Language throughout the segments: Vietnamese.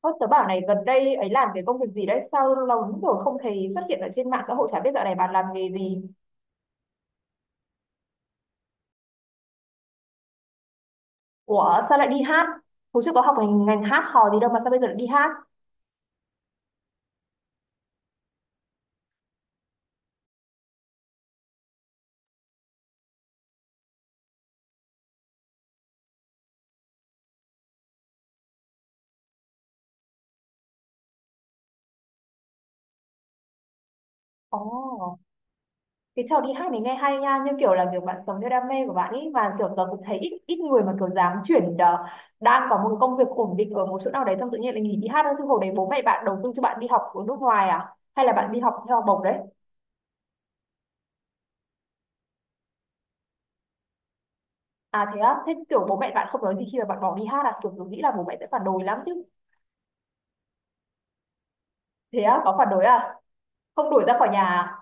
Ơ, tớ bảo này gần đây ấy làm cái công việc gì đấy sao lâu lắm rồi không thấy xuất hiện ở trên mạng xã hội, chả biết dạo này bạn làm nghề gì? Ủa sao lại đi hát, hồi trước có học ngành hát hò gì đâu mà sao bây giờ lại đi hát? Ồ, cái trò đi hát này nghe hay nha, nhưng kiểu là kiểu bạn sống theo đam mê của bạn ấy, và kiểu tớ cũng thấy ít ít người mà kiểu dám chuyển, đang có một công việc ổn định ở một chỗ nào đấy xong tự nhiên lại nghỉ đi hát thôi. Chứ hồi đấy bố mẹ bạn đầu tư cho bạn đi học ở nước ngoài à, hay là bạn đi học theo học bổng đấy? À thế á, thế kiểu bố mẹ bạn không nói gì khi mà bạn bỏ đi hát à, kiểu tôi nghĩ là bố mẹ sẽ phản đối lắm chứ. Thế á, có phản đối à? Không đuổi ra khỏi nhà à?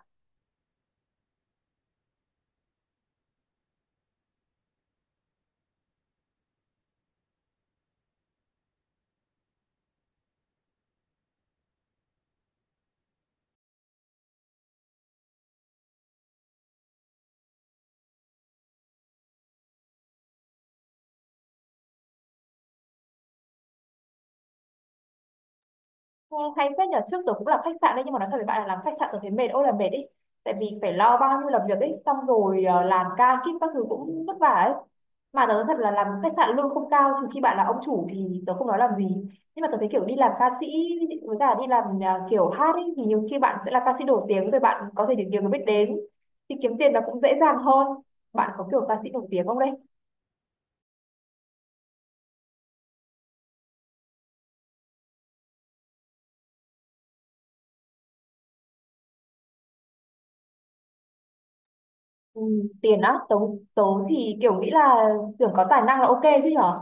Ừ, hay phết nhờ, trước tớ cũng làm khách sạn đấy, nhưng mà nói thật với bạn là làm khách sạn tớ thấy mệt ôi là mệt ý. Tại vì phải lo bao nhiêu làm việc ấy, xong rồi làm ca kíp các thứ cũng vất vả ấy. Mà tớ nói thật là làm khách sạn lương không cao, trừ khi bạn là ông chủ thì tớ không nói làm gì. Nhưng mà tớ thấy kiểu đi làm ca sĩ với cả đi làm kiểu hát ấy, thì nhiều khi bạn sẽ là ca sĩ nổi tiếng rồi bạn có thể được nhiều người biết đến, thì kiếm tiền nó cũng dễ dàng hơn. Bạn có kiểu ca sĩ nổi tiếng không đấy? Ừ, tiền á, tớ tớ thì kiểu nghĩ là tưởng có tài năng là ok chứ nhở.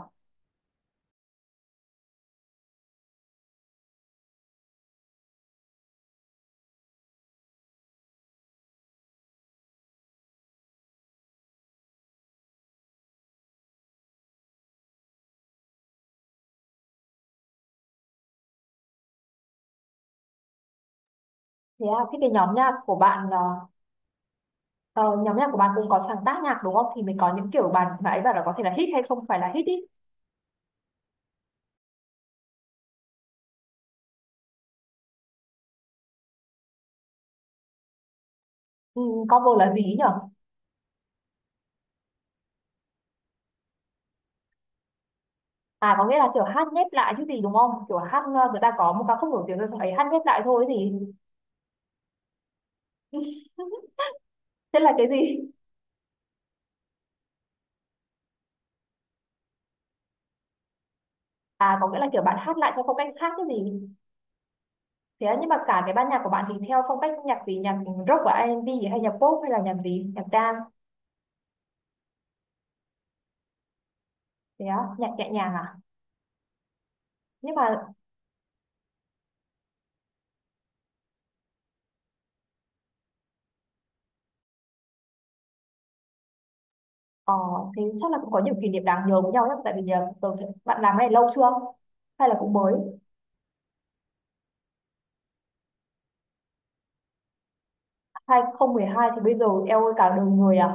Thế à, thế cái nhóm nhạc của bạn ờ, nhóm nhạc của bạn cũng có sáng tác nhạc đúng không, thì mình có những kiểu bạn nãy bảo là có thể là hit hay không phải là hit ý. Ừ, cover là gì ý nhở? À có nghĩa là kiểu hát nhép lại chứ gì, đúng không? Kiểu hát người ta có một ca khúc nổi tiếng rồi xong ấy hát nhép lại thôi gì. Thế là cái gì? À có nghĩa là kiểu bạn hát lại theo phong cách khác cái gì. Thế à, nhưng mà cả cái ban nhạc của bạn thì theo phong cách nhạc gì, nhạc rock và R&B, hay nhạc pop, hay là nhạc gì, nhạc dance? Thế á, nhạc nhẹ nhàng à? Nhưng mà ờ, thế chắc là cũng có nhiều kỷ niệm đáng nhớ với nhau nhé, tại vì bạn làm cái này lâu chưa hay là cũng mới? 2012 thì bây giờ eo ơi, cả đời người à.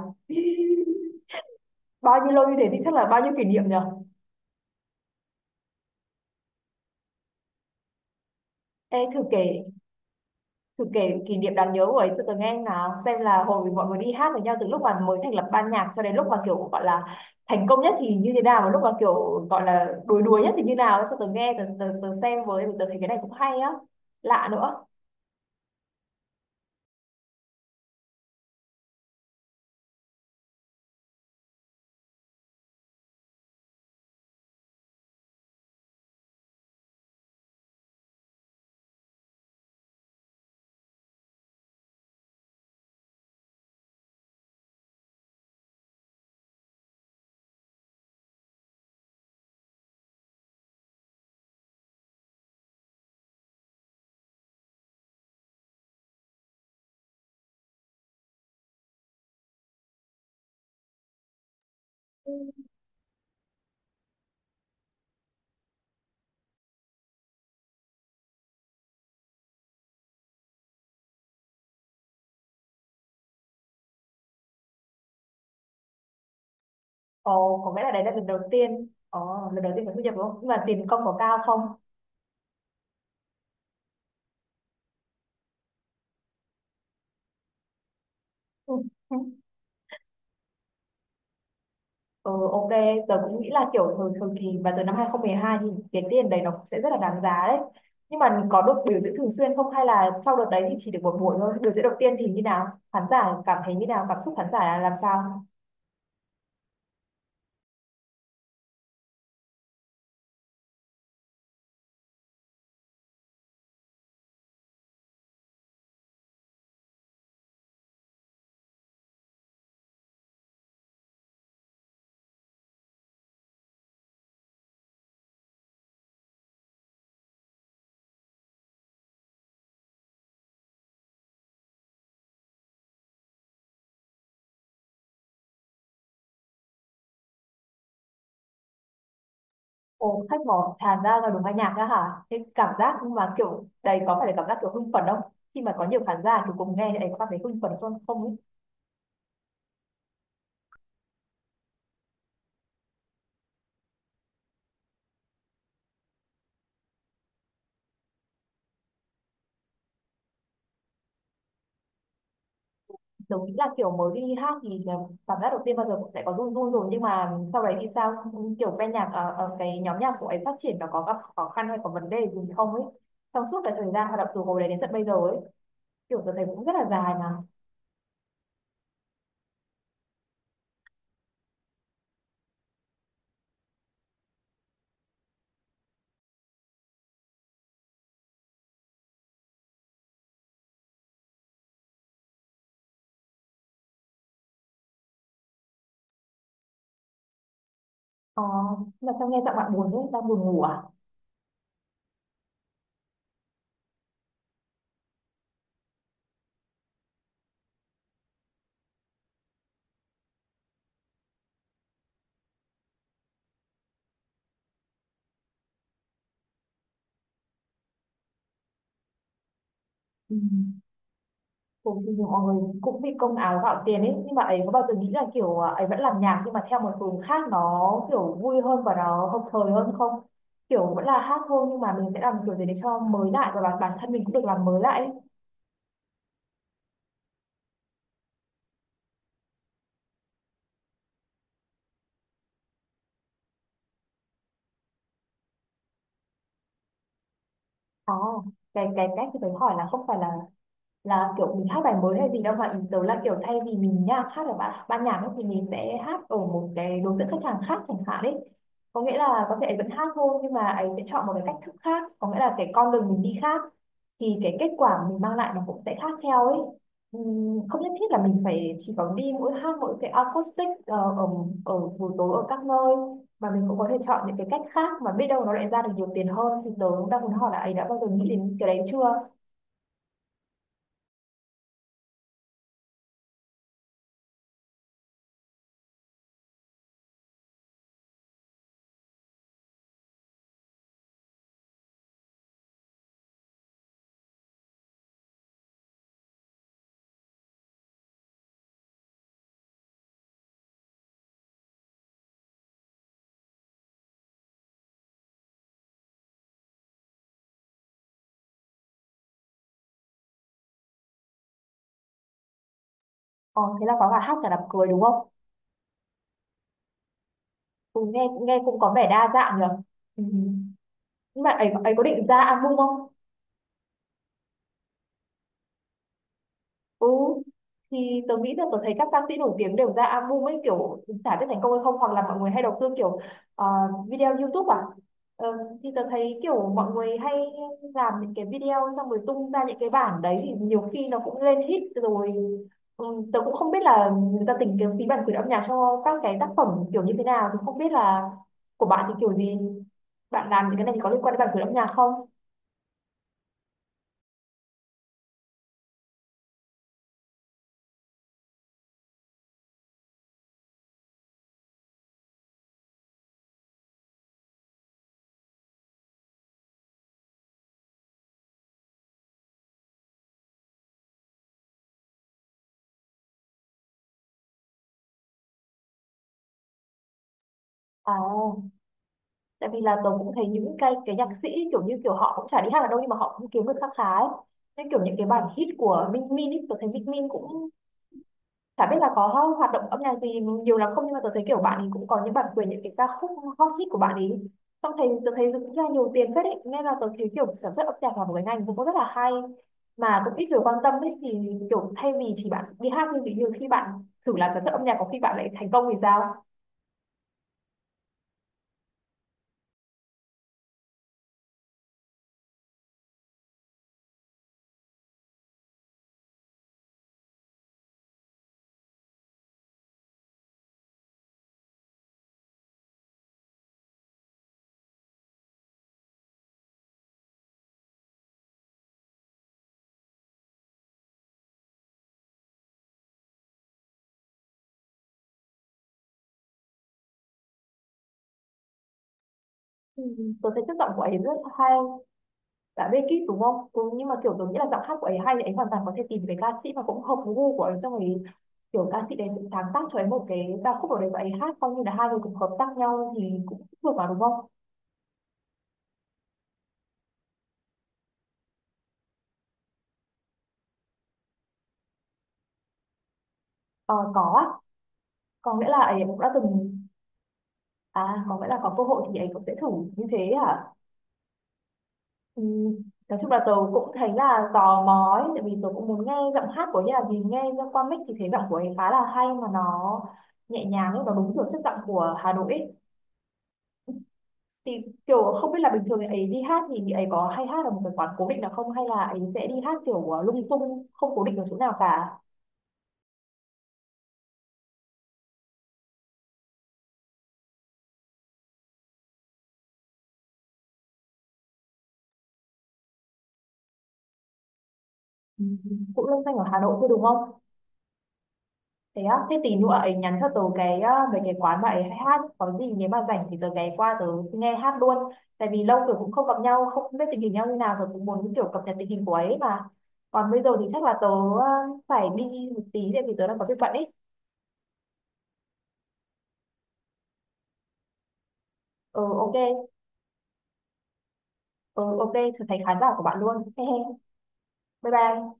Bao nhiêu lâu như thế thì chắc là bao nhiêu kỷ niệm nhở. Ê, thử kể, thử kể kỷ niệm đáng nhớ của ấy cho tớ nghe nào, xem là hồi mọi người đi hát với nhau từ lúc mà mới thành lập ban nhạc cho đến lúc mà kiểu gọi là thành công nhất thì như thế nào, và lúc mà kiểu gọi là đuối đuối nhất thì như nào ấy, cho tớ nghe, tớ xem với, tớ thấy cái này cũng hay á, lạ nữa. Ồ, có nghĩa là đấy là lần đầu tiên. Ồ, lần đầu tiên mình thu nhập đúng không? Nhưng mà tiền công có cao không? Ừ. Ừ, ok, tớ cũng nghĩ là kiểu thường thường thì và từ năm 2012 thì cái tiền đấy nó cũng sẽ rất là đáng giá đấy. Nhưng mà có được biểu diễn thường xuyên không hay là sau đợt đấy thì chỉ được một buổi thôi? Biểu diễn đầu tiên thì như nào? Khán giả cảm thấy như nào? Cảm xúc khán giả là làm sao? Ồ, khách mò tràn ra là đúng âm nhạc ra hả? Thế cảm giác nhưng mà kiểu đấy có phải là cảm giác kiểu hưng phấn không? Khi mà có nhiều khán giả thì cùng nghe thì ấy có cảm thấy hưng phấn không? Không ấy. Giống như là kiểu mới đi hát thì là cảm giác đầu tiên bao giờ cũng sẽ có run run rồi, nhưng mà sau đấy thì sao, kiểu ban nhạc ở cái nhóm nhạc của ấy phát triển và có gặp khó khăn hay có vấn đề gì không ấy, trong suốt cái thời gian hoạt động từ hồi đấy đến tận bây giờ ấy, kiểu tôi thấy cũng rất là dài mà. ờ, mà sao nghe giọng bạn buồn thế, đang buồn ngủ à? Ừ. Cũng thì mọi người cũng vì công áo gạo tiền ấy, nhưng mà ấy có bao giờ nghĩ là kiểu à, ấy vẫn làm nhạc nhưng mà theo một hướng khác nó kiểu vui hơn và nó hợp thời hơn không? Kiểu vẫn là hát thôi nhưng mà mình sẽ làm kiểu gì để cho mới lại, và bản bản thân mình cũng được làm mới lại ấy. Có cái cách thì phải hỏi là không phải là kiểu mình hát bài mới hay gì đâu, mà ý tớ là kiểu thay vì mình nha hát ở ban nhạc ấy, thì mình sẽ hát ở một cái đối tượng khách hàng khác chẳng hạn đấy, có nghĩa là có thể vẫn hát thôi nhưng mà ấy sẽ chọn một cái cách thức khác, có nghĩa là cái con đường mình đi khác thì cái kết quả mình mang lại nó cũng sẽ khác theo ấy. Không nhất thiết là mình phải chỉ có đi mỗi hát mỗi cái acoustic ở ở buổi tối ở các nơi, mà mình cũng có thể chọn những cái cách khác mà biết đâu nó lại ra được nhiều tiền hơn, thì tớ cũng đang muốn hỏi là ấy đã bao giờ nghĩ đến cái đấy chưa. Ờ, thế là có cả hát cả đám cưới đúng không? Ừ, nghe nghe cũng có vẻ đa dạng nhỉ. Ừ. Nhưng mà ấy ấy có định ra album không? Ừ, thì tớ nghĩ là tớ thấy các ca sĩ nổi tiếng đều ra album ấy, kiểu chả biết thành công hay không, hoặc là mọi người hay đầu tư kiểu ờ, video YouTube à. Ờ, thì tớ thấy kiểu mọi người hay làm những cái video xong rồi tung ra những cái bản đấy thì nhiều khi nó cũng lên hit rồi. Ừ, tớ cũng không biết là người ta tính cái phí bản quyền âm nhạc cho các cái tác phẩm kiểu như thế nào, thì không biết là của bạn thì kiểu gì, bạn làm những cái này thì có liên quan đến bản quyền âm nhạc không? À, tại vì là tớ cũng thấy những cái nhạc sĩ kiểu như kiểu họ cũng chả đi hát ở đâu nhưng mà họ cũng kiếm được kha khá ấy. Nên kiểu những cái bản hit của Minh Min ấy, tôi thấy Minh Min cũng chả biết là có hoạt động âm nhạc gì nhiều lắm không, nhưng mà tôi thấy kiểu bạn ấy cũng có những bản quyền những cái ca khúc hot hit của bạn ấy, xong thấy tôi thấy cũng ra nhiều tiền phết ấy, nên là tôi thấy kiểu sản xuất âm nhạc là một cái ngành cũng có rất là hay mà cũng ít người quan tâm ấy, thì kiểu thay vì chỉ bạn đi hát, nhưng nhiều khi bạn thử làm sản xuất âm nhạc có khi bạn lại thành công thì sao. Ừ, tớ thấy chất giọng của ấy rất hay, dạ Beckett đúng không, ừ, nhưng mà kiểu tôi nghĩ là giọng hát của ấy hay thì ấy hoàn toàn có thể tìm cái ca sĩ mà cũng hợp với gu của ấy, xong rồi kiểu ca sĩ đấy cũng sáng tác cho ấy một cái ca khúc ở đấy và ấy hát, coi như là hai người cùng hợp tác nhau thì cũng được mà đúng không. Ờ, có á. Có nghĩa là ấy cũng đã từng, à có nghĩa là có cơ hội thì ấy cũng sẽ thử như thế à. Ừ. Nói chung là tớ cũng thấy là tò mò ấy, tại vì tớ cũng muốn nghe giọng hát của ấy, là vì nghe ra qua mic thì thấy giọng của ấy khá là hay mà nó nhẹ nhàng ấy, nó đúng kiểu chất giọng của Hà Nội ấy. Thì kiểu không biết là bình thường thì ấy đi hát thì chị ấy có hay hát ở một cái quán cố định nào không, hay là ấy sẽ đi hát kiểu lung tung không cố định ở chỗ nào cả. Ừ. Cũng loanh xanh ở Hà Nội thôi đúng không? Thế á, thế tí nữa ấy nhắn cho tớ cái về cái quán mà ấy hay hát, có gì nếu mà rảnh thì tớ ghé qua tớ nghe hát luôn, tại vì lâu rồi cũng không gặp nhau, không biết tình hình nhau như nào rồi, cũng muốn kiểu cập nhật tình hình của ấy mà. Còn bây giờ thì chắc là tớ ờ, phải đi một tí tại vì tớ đang có việc bận ấy. Ừ, ok. Ừ, ok, trở thành khán giả của bạn luôn. He he, bye bye.